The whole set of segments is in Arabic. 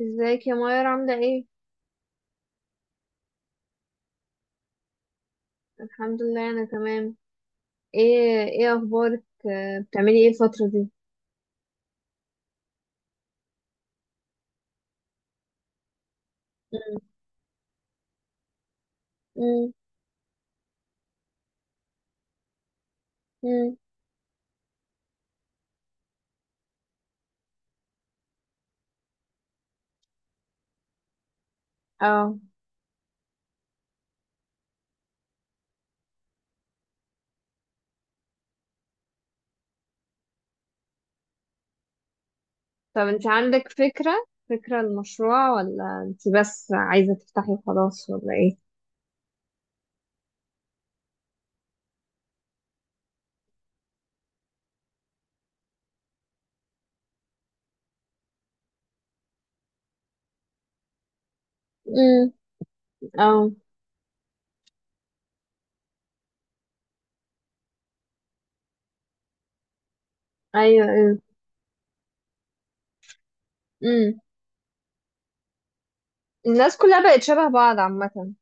ازيك يا ماير، عاملة ايه؟ الحمد لله، انا تمام. ايه اخبارك، بتعملي ايه الفترة دي؟ مم. مم. مم. اه. طب انت عندك فكرة، فكرة المشروع ولا انت بس عايزة تفتحي خلاص ولا ايه؟ مم. اه. ايوه، ايوه. مم. الناس كلها بقت شبه بعض عامة.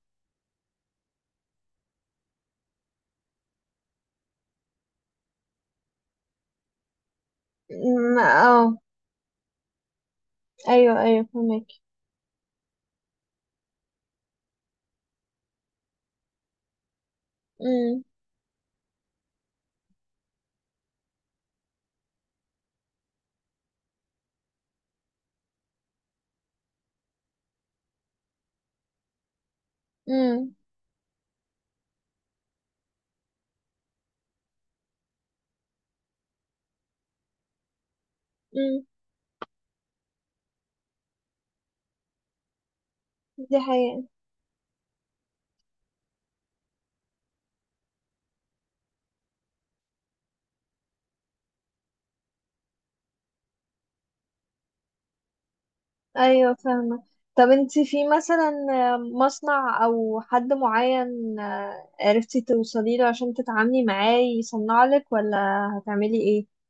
مم. اه. ايوه، ايوه، فهمك. مم. مم. مم. دي حقيقة. ايوه، فاهمة. طب انتي في مثلا مصنع او حد معين، عرفتي توصلي له عشان تتعاملي معاه يصنع لك، ولا هتعملي ايه؟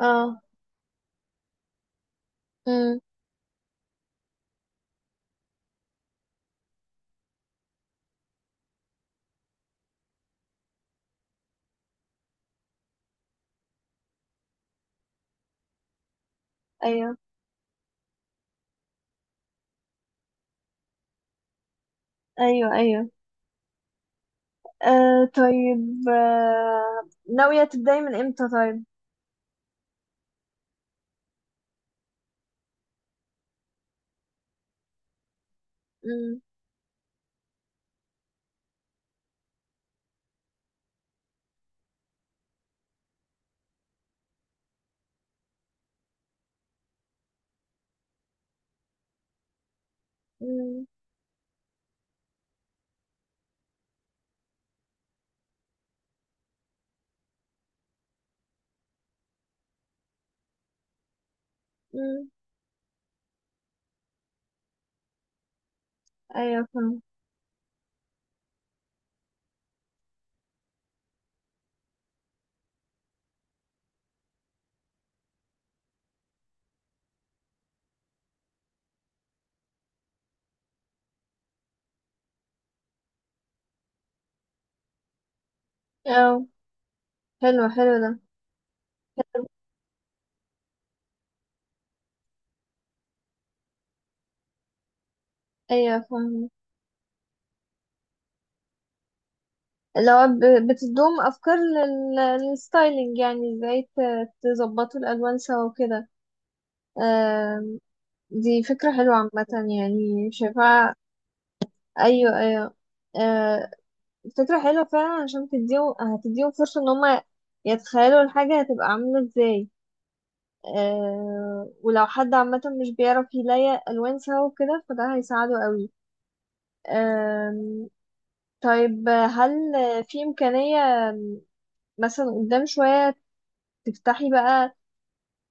اه. امم. ايوه، ايوه. ايوه. آه، طيب. ناوية تبداي من امتى طيب؟ امم. امم. امم ايوه فاهمة اه حلو حلو ده ايوه فاهمة لو ب- بتدوم افكار لل- للستايلينج يعني ازاي ت- تظبطوا الالوان سوا وكده آم، دي فكرة حلوة عامة يعني شايفاها أيوة أيوة آه، فكرة حلوة فعلا عشان تديهم هتديهم فرصة إن هما يتخيلوا الحاجة هتبقى عاملة ازاي آه، ولو حد عامة مش بيعرف يلاقي ألوان سوا وكده فده هيساعده قوي آم، طيب هل في إمكانية مثلا قدام شوية تفتحي بقى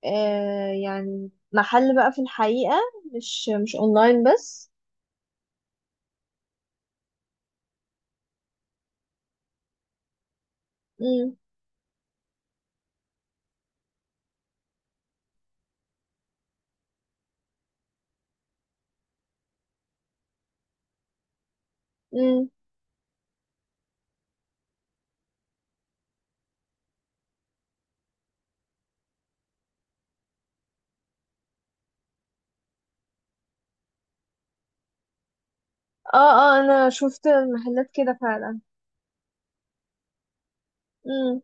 آه، يعني محل بقى في الحقيقة مش مش أونلاين بس مم. مم. اه اه انا شفت محلات كده فعلا امم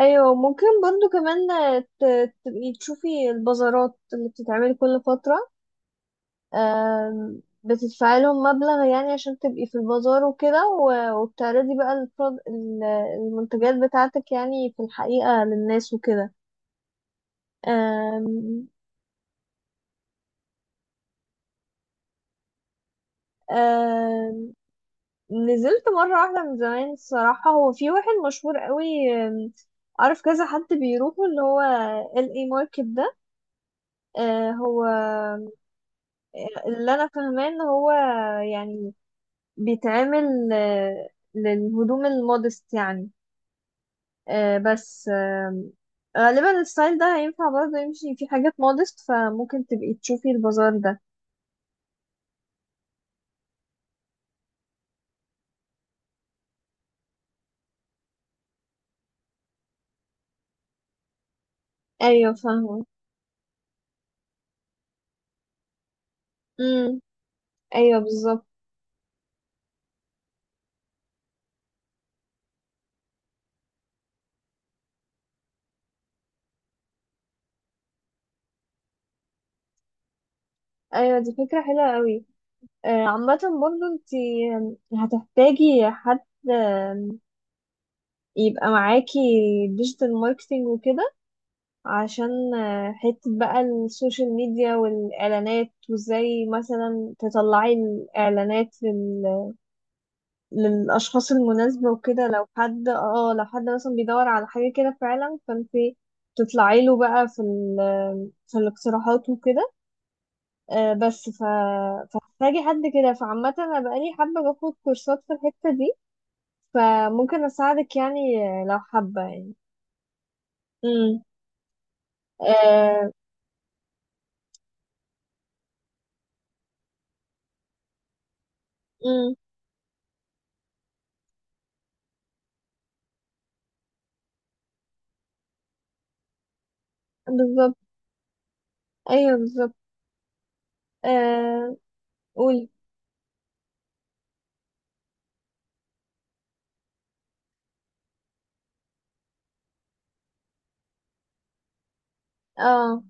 ايوه ممكن برضو كمان آه، ت- تبقي تشوفي البازارات اللي بتتعمل كل فترة آم، بتدفعي لهم مبلغ يعني عشان تبقي في البازار وكده و- وبتعرضي بقى البرو- ال- المنتجات بتاعتك يعني في الحقيقة للناس وكده آم، آم، نزلت مرة واحدة من زمان الصراحة هو في واحد مشهور قوي آم، اعرف كذا حد بيروحوا اللي هو ال اي ماركت ده. آه، هو آه، اللي انا فاهماه ان هو يعني بيتعمل آه، للهدوم المودست يعني آه، بس آم، غالبا الستايل ده هينفع برضه يمشي في حاجات مودست فممكن تبقي تشوفي البازار ده ايوه فاهمه امم ايوه، بالظبط. ايوه، دي فكره حلوه قوي. عامه برضه انت هتحتاجي حد، آم، يبقى معاكي ديجيتال ماركتينج وكده، عشان حتة بقى السوشيال ميديا والإعلانات، وإزاي مثلا تطلعي الإعلانات للأشخاص المناسبة وكده، لو حد مثلا بيدور على حاجة كده فعلا، فانت تطلعي له بقى في في الاقتراحات وكده. بس فمحتاجة حد كده. فعامة أنا بقالي حابة باخد كورسات في الحتة دي، فممكن أساعدك يعني، لو حابة يعني. امم. آه، امم. بالظبط، ايوه، بالظبط. آه، قولي. اه.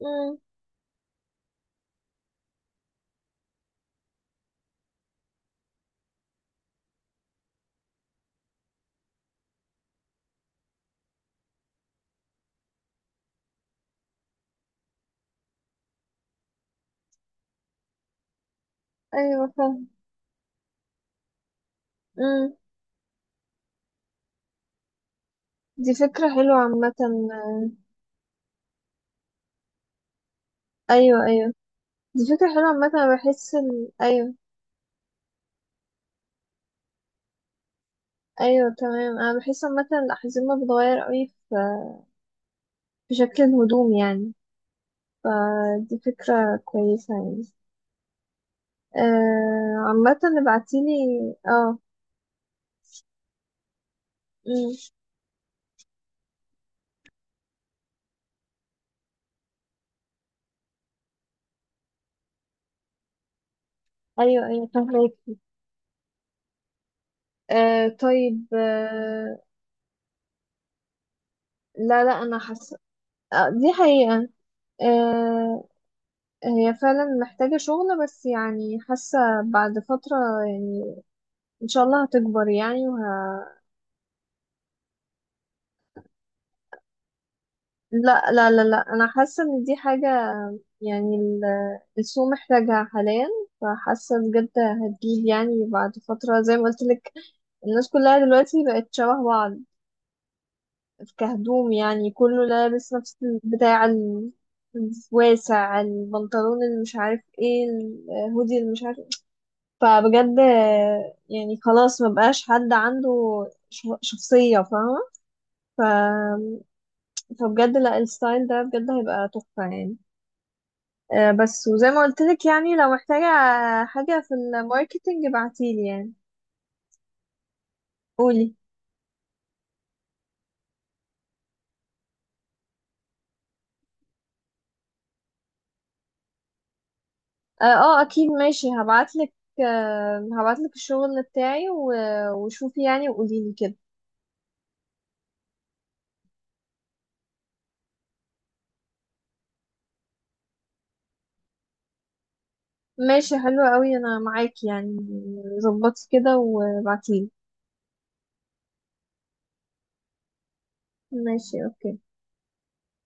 مم. ايوه، فاهم. مم. دي فكرة حلوة عامة. ايوه، ايوه، دي فكرة حلوة عامة. انا بحس ايوه. ايوه، تمام، انا بحس عامة الأحزمة بتتغير قوي في شكل الهدوم يعني، فدي فكرة كويسة يعني. آه، عامة ابعتيلي. اه. مم. ايوه، ايوه، فهماكي. آه، طيب. لا، لا، انا حاسة. آه، دي حقيقة. آه، هي فعلا محتاجة شغل، بس يعني حاسة بعد فترة يعني إن شاء الله هتكبر يعني لا، لا، لا، لا، أنا حاسة إن دي حاجة، يعني السوق محتاجها حاليا، فحاسة بجد هتجيب يعني بعد فترة زي ما قلت لك. الناس كلها دلوقتي بقت شبه بعض كهدوم، يعني كله لابس نفس البتاع الواسع، البنطلون اللي مش عارف ايه، الهودي اللي مش عارف. فبجد يعني خلاص مبقاش حد عنده شخصية، فاهمة. ف... فبجد لا، الستايل ده بجد هيبقى تحفة يعني. بس وزي ما قلت لك يعني، لو محتاجة حاجة في الماركتينج ابعتيلي يعني. قولي. اه. اكيد، ماشي، هبعتلك. هبعتلك الشغل بتاعي و- وشوفي يعني وقوليلي كده. ماشي، حلوة قوي، انا معاكي يعني. ظبطي كده وابعتيلي. ماشي. اوكي.